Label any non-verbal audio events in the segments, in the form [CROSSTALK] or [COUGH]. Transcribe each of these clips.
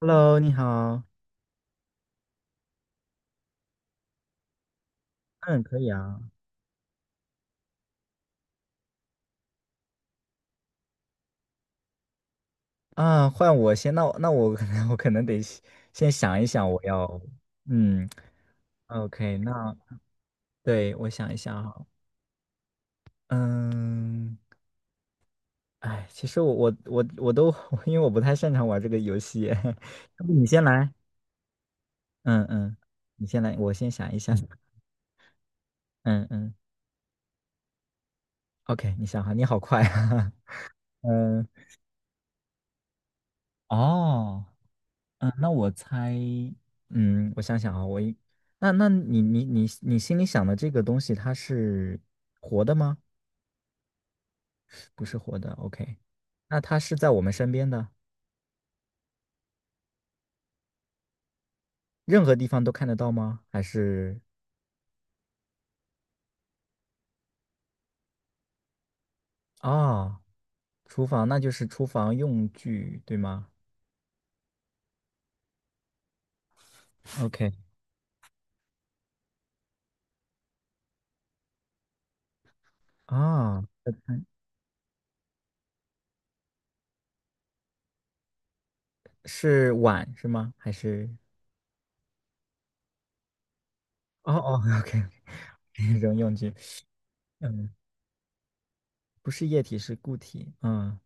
Hello，你好。嗯，可以啊。啊，换我先，那我可能 [LAUGHS] 我可能得先先想一想，我要，嗯，OK，那对我想一想哈，嗯，哎，其实我都 [LAUGHS] 因为我不太擅长玩这个游戏，[LAUGHS] 要不你先来，嗯嗯，你先来，我先想一想，[LAUGHS] 嗯嗯，OK，你想哈，你好快啊，[LAUGHS] 嗯，哦。嗯，那我猜，嗯，我想想啊，我一，那那你心里想的这个东西，它是活的吗？不是活的，OK。那它是在我们身边的，任何地方都看得到吗？还是啊，厨房，那就是厨房用具，对吗？OK。啊，我看是碗是吗？还是哦哦，OK，[LAUGHS] 扔用具，嗯，不是液体，是固体，嗯，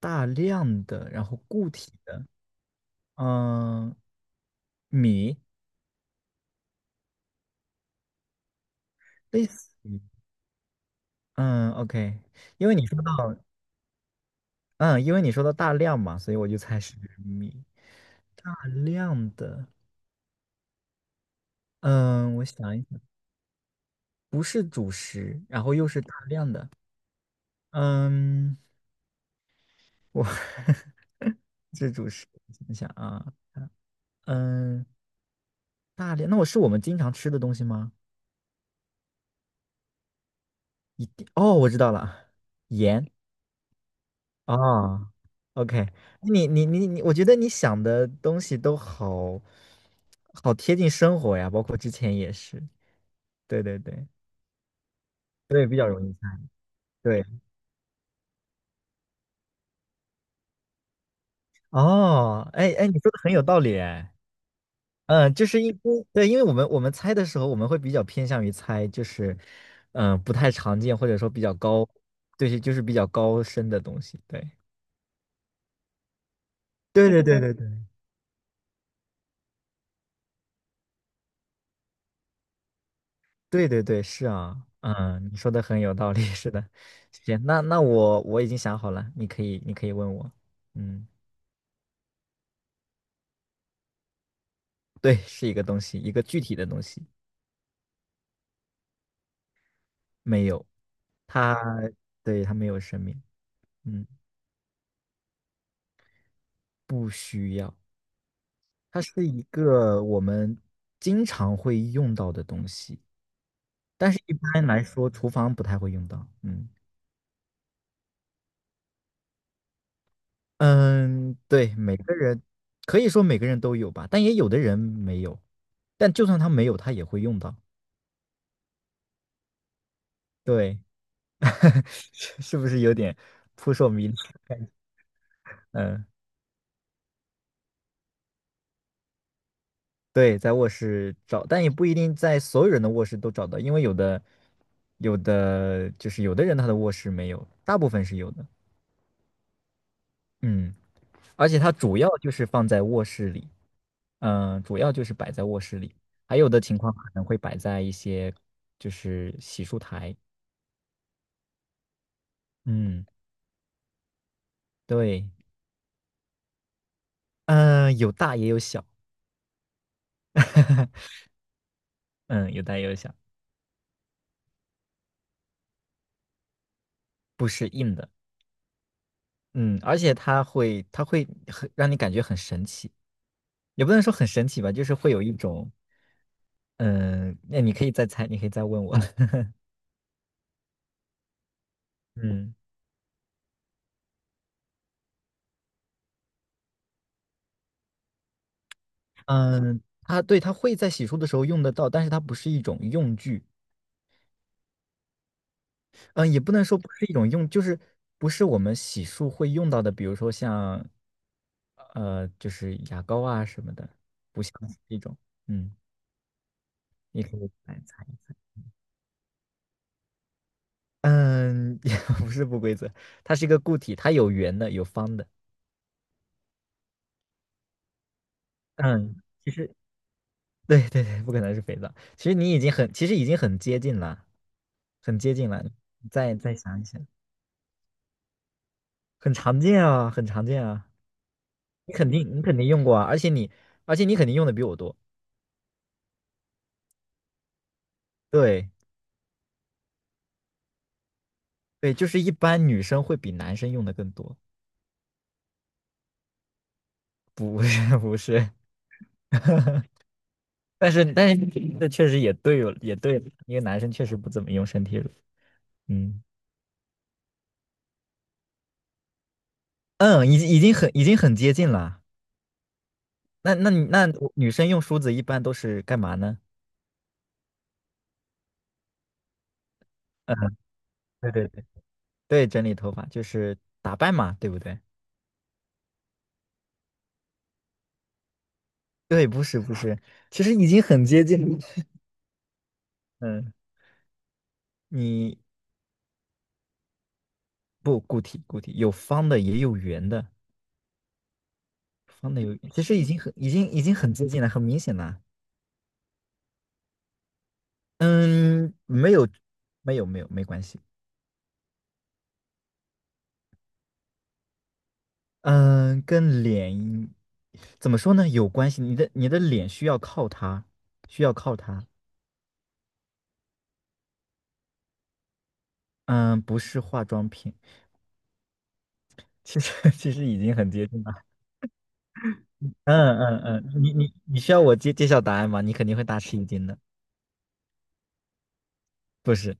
大量的，然后固体的。嗯，米类似于，嗯，OK，因为你说到，嗯，因为你说到大量嘛，所以我就猜是米。大量的，嗯，我想一想，不是主食，然后又是大量的，嗯，我 [LAUGHS] 是主食，想想啊，嗯，大量，那我是我们经常吃的东西吗？一定，哦，我知道了，盐。哦，OK，你，我觉得你想的东西都好好贴近生活呀，包括之前也是，对对对，所以比较容易猜。对，哦，哎哎，你说的很有道理哎，嗯，就是因为对，因为我们猜的时候，我们会比较偏向于猜，就是嗯、不太常见或者说比较高，对，就是比较高深的东西，对，对对对对对。对对对，是啊，嗯，你说的很有道理，[LAUGHS] 是的，行，那那我已经想好了，你可以问我，嗯，对，是一个东西，一个具体的东西，没有，它，对，它没有生命，嗯，它是一个我们经常会用到的东西，但是一般来说厨房不太会用到，嗯嗯，对，每个人可以说每个人都有吧，但也有的人没有，但就算他没有，他也会用到，对。[LAUGHS] 是不是有点扑朔迷离？嗯，对，在卧室找，但也不一定在所有人的卧室都找到，因为有的有的就是有的人他的卧室没有，大部分是有的。嗯，而且它主要就是放在卧室里，嗯，主要就是摆在卧室里，还有的情况可能会摆在一些就是洗漱台。嗯，对，嗯，有大也有小，[LAUGHS] 嗯，有大也有小。不。嗯，而且它会，它会很让你感觉很神奇，也不能说很神奇吧，就是会有一种，嗯，那你可以再猜，你可以再问我。[LAUGHS] 嗯嗯，它对，它会在洗漱的时候用得到，但是它不是一种用具，嗯，也不能说不是一种用，就是不是我们洗漱会用到的，比如说像，就是牙膏啊什么的，不像是一种，嗯，你可以来猜一猜，嗯，[LAUGHS] 也不是不规则，它是一个固体，它有圆的，有方的。嗯，其实对对对，不可能是肥皂。其实你已经很，其实已经很接近了，很接近了。你再想一想，很常见啊，很常见啊。你肯定用过啊，而且你肯定用的比我多。对对，就是一般女生会比男生用的更多，不是 [LAUGHS] 不是，但是这确实也对了，也对了因为男生确实不怎么用身体乳。嗯嗯，已经很接近了。那那你女生用梳子一般都是干嘛呢？嗯，对对对，整理头发就是打扮嘛，对不对？对，不是不是，其实已经很接近了。嗯，你不固体固体，有方的也有圆的，方的有，其实已经很接近了，很明显了。嗯，没有没有没有，没关系。嗯，跟脸怎么说呢？有关系，你的脸需要靠它，需要靠它。嗯，不是化妆品，其实 [LAUGHS] 其实已经很接近了。嗯嗯嗯，你需要我揭揭晓答案吗？你肯定会大吃一惊的。不是，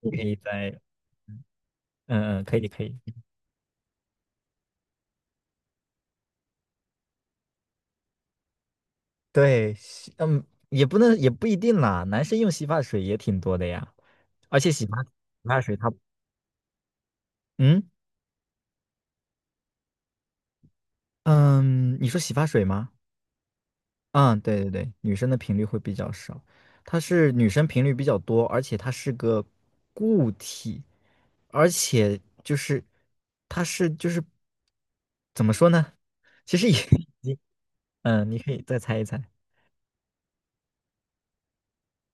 你可以在，嗯嗯，可以可以。对，洗嗯，也不能也不一定啦，男生用洗发水也挺多的呀，而且洗发洗发水它，嗯嗯，你说洗发水吗？嗯，对对对，女生的频率会比较少，它是女生频率比较多，而且它是个固体，而且就是它是就是怎么说呢？其实也 [LAUGHS] 已经嗯，你可以再猜一猜。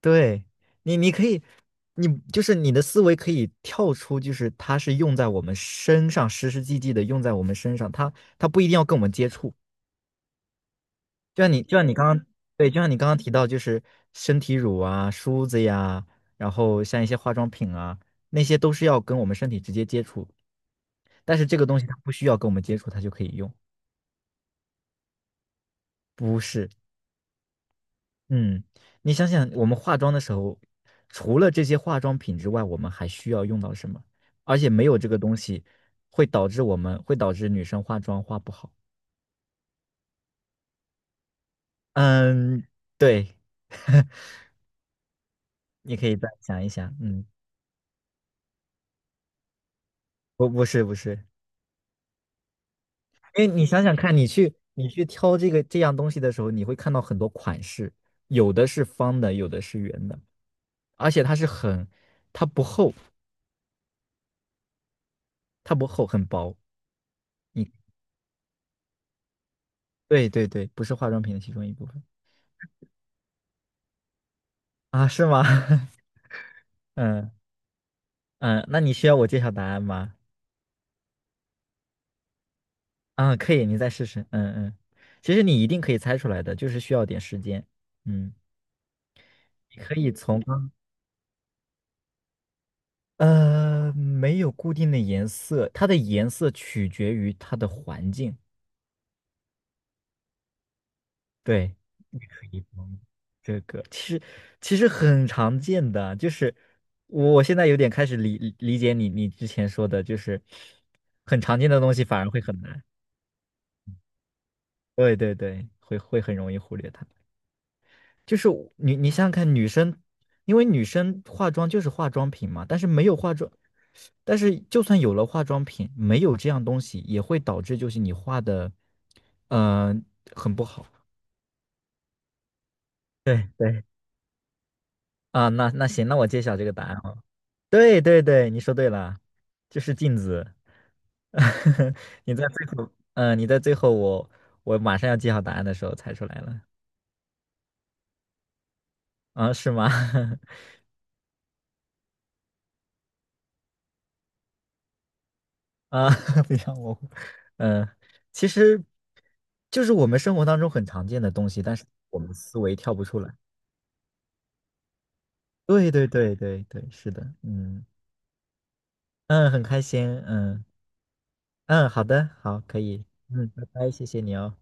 对你，你可以，你就是你的思维可以跳出，就是它是用在我们身上，实实际际的用在我们身上，它不一定要跟我们接触，就像你，就像你刚刚，对，就像你刚刚提到，就是身体乳啊、梳子呀，然后像一些化妆品啊，那些都是要跟我们身体直接接触，但是这个东西它不需要跟我们接触，它就可以用，不是？嗯，你想想，我们化妆的时候，除了这些化妆品之外，我们还需要用到什么？而且没有这个东西，会导致我们会导致女生化妆化不好。嗯，对，[LAUGHS] 你可以再想一想。嗯，不，不是，不是。因为你想想看，你去挑这个这样东西的时候，你会看到很多款式，有的是方的，有的是圆的，而且它是很，它不厚，它不厚，很薄。你对对对，不是化妆品的其中一部分啊？是吗？[LAUGHS] 嗯嗯，那你需要我揭晓答案吗？啊，可以，你再试试。嗯嗯，其实你一定可以猜出来的，就是需要点时间。嗯，你可以从刚没有固定的颜色，它的颜色取决于它的环境。对。一方这个其实其实很常见的，就是我我现在有点开始理解你之前说的，就是很常见的东西反而会很难。对对对，会很容易忽略它。就是我你你想想看，女生，因为女生化妆就是化妆品嘛，但是没有化妆，但是就算有了化妆品，没有这样东西也会导致就是你画的，嗯、很不好。对对啊，那那行，那我揭晓这个答案。对对对，你说对了，就是镜子。[LAUGHS] 你在最后，嗯、你在最后我我马上要记好答案的时候猜出来了啊，是吗？[LAUGHS] 啊，[LAUGHS] 非常模糊。嗯，其实就是我们生活当中很常见的东西，但是我们思维跳不出来。对对对对对，是的，嗯嗯，很开心，嗯嗯，好的，好，可以，嗯，拜拜，谢谢你哦。